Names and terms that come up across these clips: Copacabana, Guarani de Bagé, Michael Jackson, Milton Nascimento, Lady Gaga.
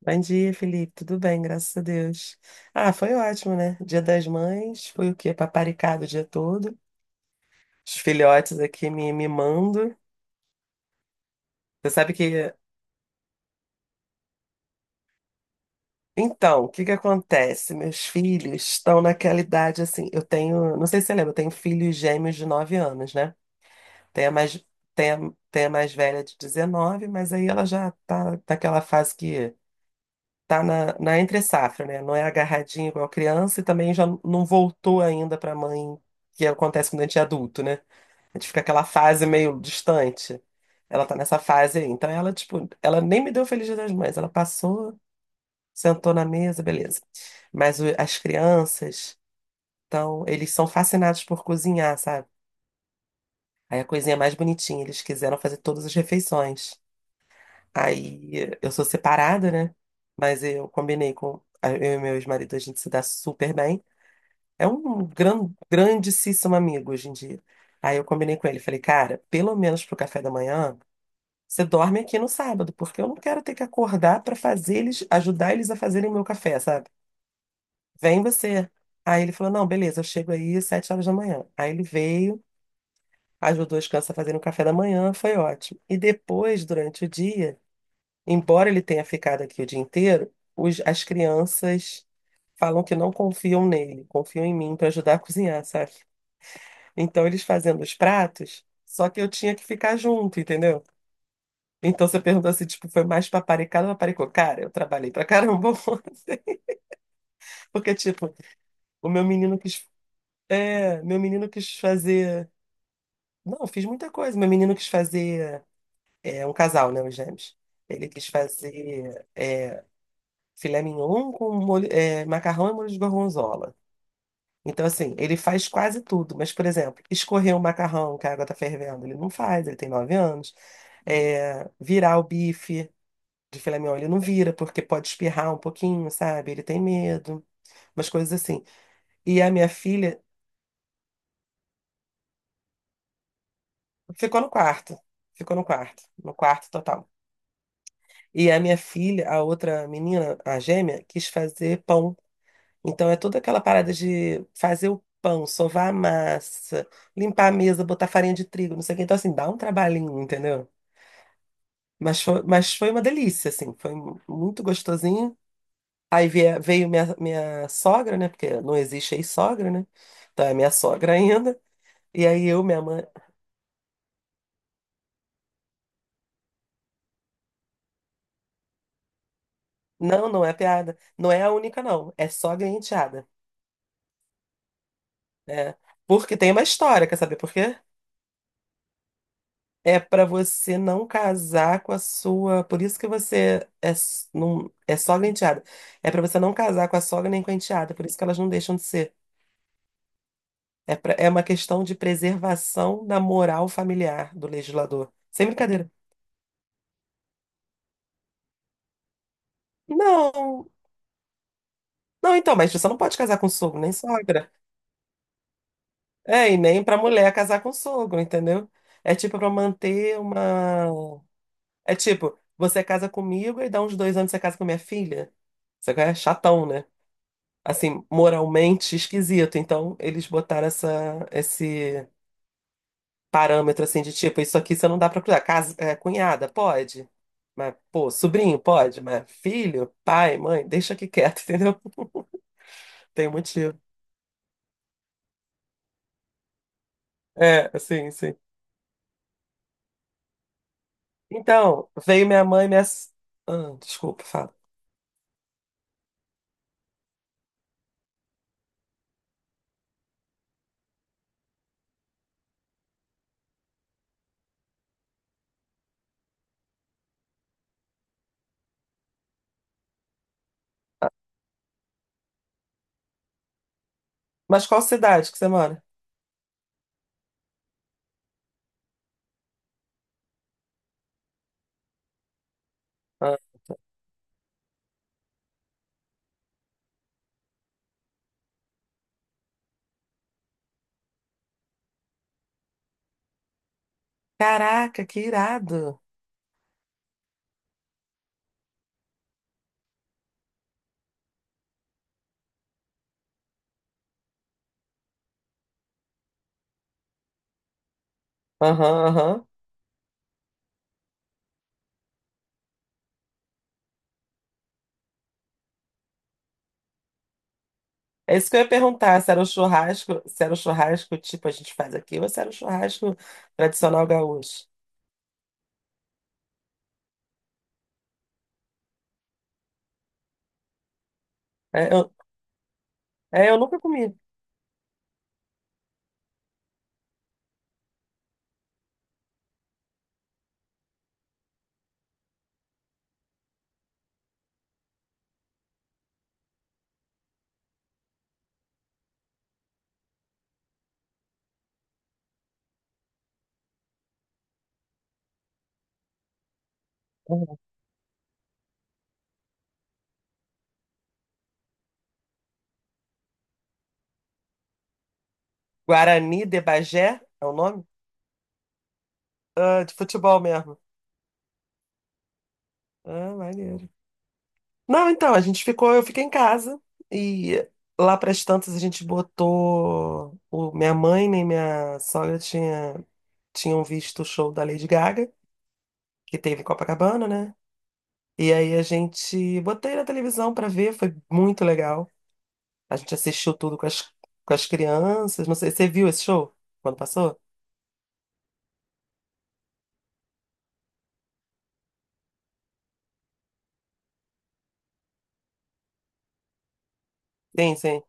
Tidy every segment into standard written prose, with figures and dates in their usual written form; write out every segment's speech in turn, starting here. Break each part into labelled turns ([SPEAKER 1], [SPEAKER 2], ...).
[SPEAKER 1] Bom dia, Felipe. Tudo bem, graças a Deus. Ah, foi ótimo, né? Dia das Mães, foi o quê? Paparicado o dia todo. Os filhotes aqui me mimando. Você sabe que. Então, o que que acontece? Meus filhos estão naquela idade assim. Eu tenho. Não sei se você lembra, eu tenho filhos gêmeos de 9 anos, né? Tem a mais, tem a, tem a mais velha de 19, mas aí ela já tá naquela fase que. Tá na entre-safra, né? Não é agarradinho igual criança e também já não voltou ainda para a mãe, que acontece quando a gente é adulto, né? A gente fica aquela fase meio distante. Ela tá nessa fase aí. Então ela, tipo, ela nem me deu Feliz Dia das Mães. Ela passou, sentou na mesa, beleza. As crianças, então, eles são fascinados por cozinhar, sabe? Aí a coisinha mais bonitinha, eles quiseram fazer todas as refeições. Aí eu sou separada, né? Mas eu combinei com. Eu e meu ex-marido, a gente se dá super bem. É um grandíssimo amigo hoje em dia. Aí eu combinei com ele, falei, cara, pelo menos pro café da manhã, você dorme aqui no sábado, porque eu não quero ter que acordar pra fazer eles, ajudar eles a fazerem o meu café, sabe? Vem você. Aí ele falou, não, beleza, eu chego aí às 7 horas da manhã. Aí ele veio, ajudou as crianças a fazerem o café da manhã, foi ótimo. E depois, durante o dia, embora ele tenha ficado aqui o dia inteiro, as crianças falam que não confiam nele, confiam em mim para ajudar a cozinhar, sabe? Então eles fazendo os pratos, só que eu tinha que ficar junto, entendeu? Então você perguntou assim, tipo, foi mais paparicado ou paparicou? Cara, eu trabalhei pra caramba, ontem, porque, tipo, o meu menino quis. É, meu menino quis fazer. Não, eu fiz muita coisa. Meu menino quis fazer. É um casal, né, os gêmeos. Ele quis fazer. É, filé mignon com molho, é, macarrão e molho de gorgonzola. Então, assim, ele faz quase tudo, mas, por exemplo, escorrer o macarrão que a água tá fervendo, ele não faz, ele tem 9 anos. É, virar o bife de filé mignon, ele não vira, porque pode espirrar um pouquinho, sabe? Ele tem medo, umas coisas assim. E a minha filha ficou no quarto, no quarto total. E a minha filha, a outra menina, a gêmea, quis fazer pão. Então é toda aquela parada de fazer o pão, sovar a massa, limpar a mesa, botar farinha de trigo, não sei o quê. Então, assim, dá um trabalhinho, entendeu? Mas foi uma delícia, assim, foi muito gostosinho. Veio minha sogra, né? Porque não existe ex-sogra, né? Então é minha sogra ainda. E aí eu, minha mãe. Não, não é piada. Não é a única, não. É sogra e enteada. É. Porque tem uma história, quer saber por quê? É para você não casar com a sua. Por isso que você é, não, é sogra e enteada. É para você não casar com a sogra nem com a enteada. Por isso que elas não deixam de ser. É, é uma questão de preservação da moral familiar do legislador. Sem brincadeira. Não, não, então, mas você não pode casar com sogro, nem sogra. É, e nem para mulher casar com sogro, entendeu? É tipo para manter uma. É tipo, você casa comigo e dá uns 2 anos você casa com minha filha. Você é chatão, né? Assim, moralmente esquisito. Então, eles botaram esse parâmetro, assim, de tipo, isso aqui você não dá pra cruzar. Casa, é, cunhada, pode. Mas, pô, sobrinho, pode. Mas filho, pai, mãe, deixa aqui quieto, entendeu? Tem motivo. É, assim, sim. Então, veio minha mãe, e minha... s- Ah, desculpa, fala. Mas qual cidade que você mora? Ah, caraca, que irado. Aham, aham. É isso que eu ia perguntar, se era um churrasco, se era um churrasco tipo a gente faz aqui, ou se era um churrasco tradicional gaúcho. É, eu, é, eu nunca comi. Uhum. Guarani de Bagé é o nome? Ah, de futebol mesmo. Ah, maneiro. Não, então, a gente ficou, eu fiquei em casa e lá para as tantas a gente botou o, minha mãe nem minha sogra tinham visto o show da Lady Gaga, que teve em Copacabana, né? E aí a gente botei na televisão para ver, foi muito legal. A gente assistiu tudo com as crianças. Não sei, você viu esse show quando passou? Sim, sim.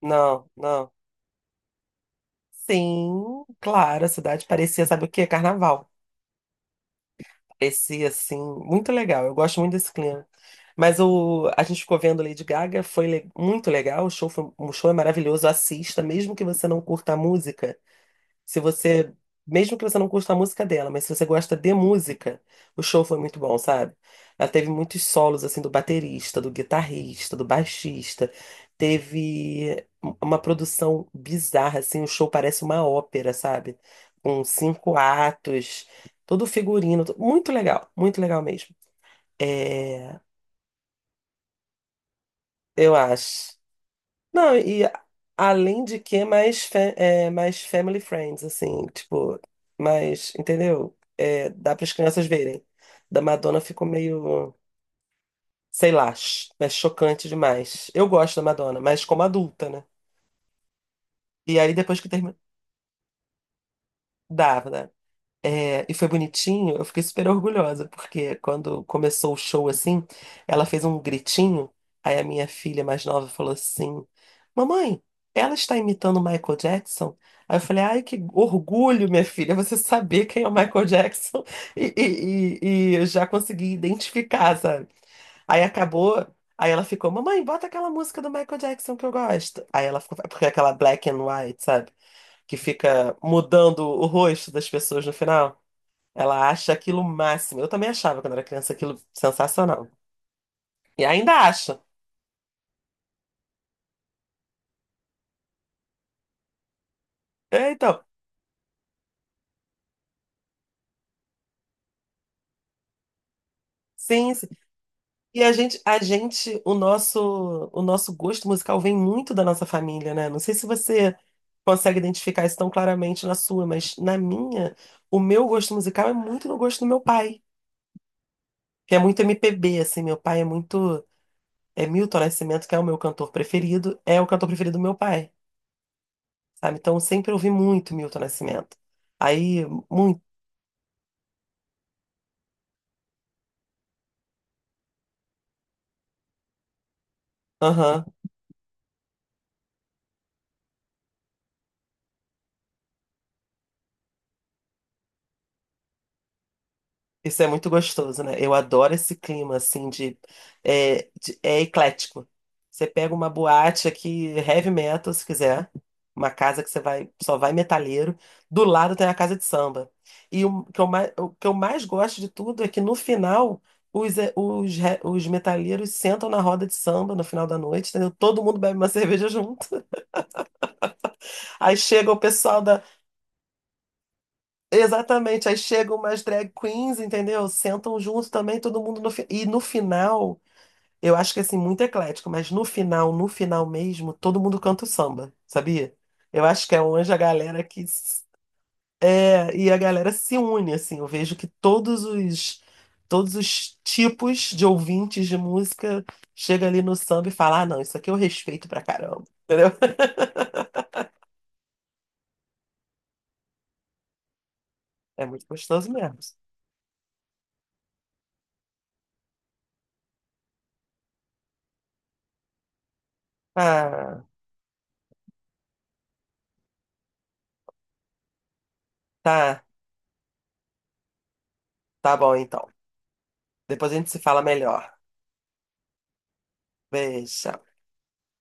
[SPEAKER 1] Não, não. Sim, claro, a cidade parecia, sabe o quê? Carnaval. Parecia, assim, muito legal. Eu gosto muito desse clima. Mas o, a gente ficou vendo Lady Gaga, muito legal. O show é maravilhoso. Assista, mesmo que você não curta a música. Se você, mesmo que você não curta a música dela, mas se você gosta de música, o show foi muito bom, sabe? Ela teve muitos solos assim do baterista, do guitarrista, do baixista. Uma produção bizarra assim, o show parece uma ópera, sabe? Com 5 atos, todo figurino, muito legal mesmo. É, eu acho. Não, e a- além de que é mais, é, mais family friends, assim, tipo, mais, entendeu? É, dá para as crianças verem. Da Madonna ficou meio, sei lá, é chocante demais. Eu gosto da Madonna, mas como adulta, né? E aí depois que termina, dava, né? É, e foi bonitinho, eu fiquei super orgulhosa, porque quando começou o show assim, ela fez um gritinho, aí a minha filha mais nova falou assim: Mamãe, ela está imitando o Michael Jackson? Aí eu falei: Ai, que orgulho, minha filha, você saber quem é o Michael Jackson e eu já consegui identificar, sabe? Aí acabou. Aí ela ficou, mamãe, bota aquela música do Michael Jackson que eu gosto. Aí ela ficou, porque é aquela black and white, sabe? Que fica mudando o rosto das pessoas no final. Ela acha aquilo o máximo. Eu também achava quando era criança aquilo sensacional. E ainda acho. É, então, sim, sim. E a gente, o nosso gosto musical vem muito da nossa família, né? Não sei se você consegue identificar isso tão claramente na sua, mas na minha, o meu gosto musical é muito no gosto do meu pai, que é muito MPB, assim. Meu pai é muito, é Milton Nascimento, que é o meu cantor preferido, é o cantor preferido do meu pai, sabe? Então, eu sempre ouvi muito Milton Nascimento. Aí, muito. Aham. Isso é muito gostoso, né? Eu adoro esse clima, assim, de... É, é eclético. Você pega uma boate aqui, heavy metal, se quiser. Uma casa que você vai, só vai metaleiro. Do lado tem a casa de samba. E o que eu mais, o que eu mais gosto de tudo é que no final, os, é, os, re- os metaleiros sentam na roda de samba no final da noite, entendeu? Todo mundo bebe uma cerveja junto. Aí chega o pessoal da, exatamente, aí chegam umas drag queens, entendeu? Sentam junto também, todo mundo e no final eu acho que assim, muito eclético, mas no final, no final mesmo, todo mundo canta o samba, sabia? Eu acho que é onde a galera que s- é, e a galera se une assim. Eu vejo que todos os tipos de ouvintes de música chega ali no samba e fala: "Ah, não, isso aqui eu respeito pra caramba". Entendeu? É muito gostoso mesmo. Ah, tá, tá bom então. Depois a gente se fala melhor. Beijo.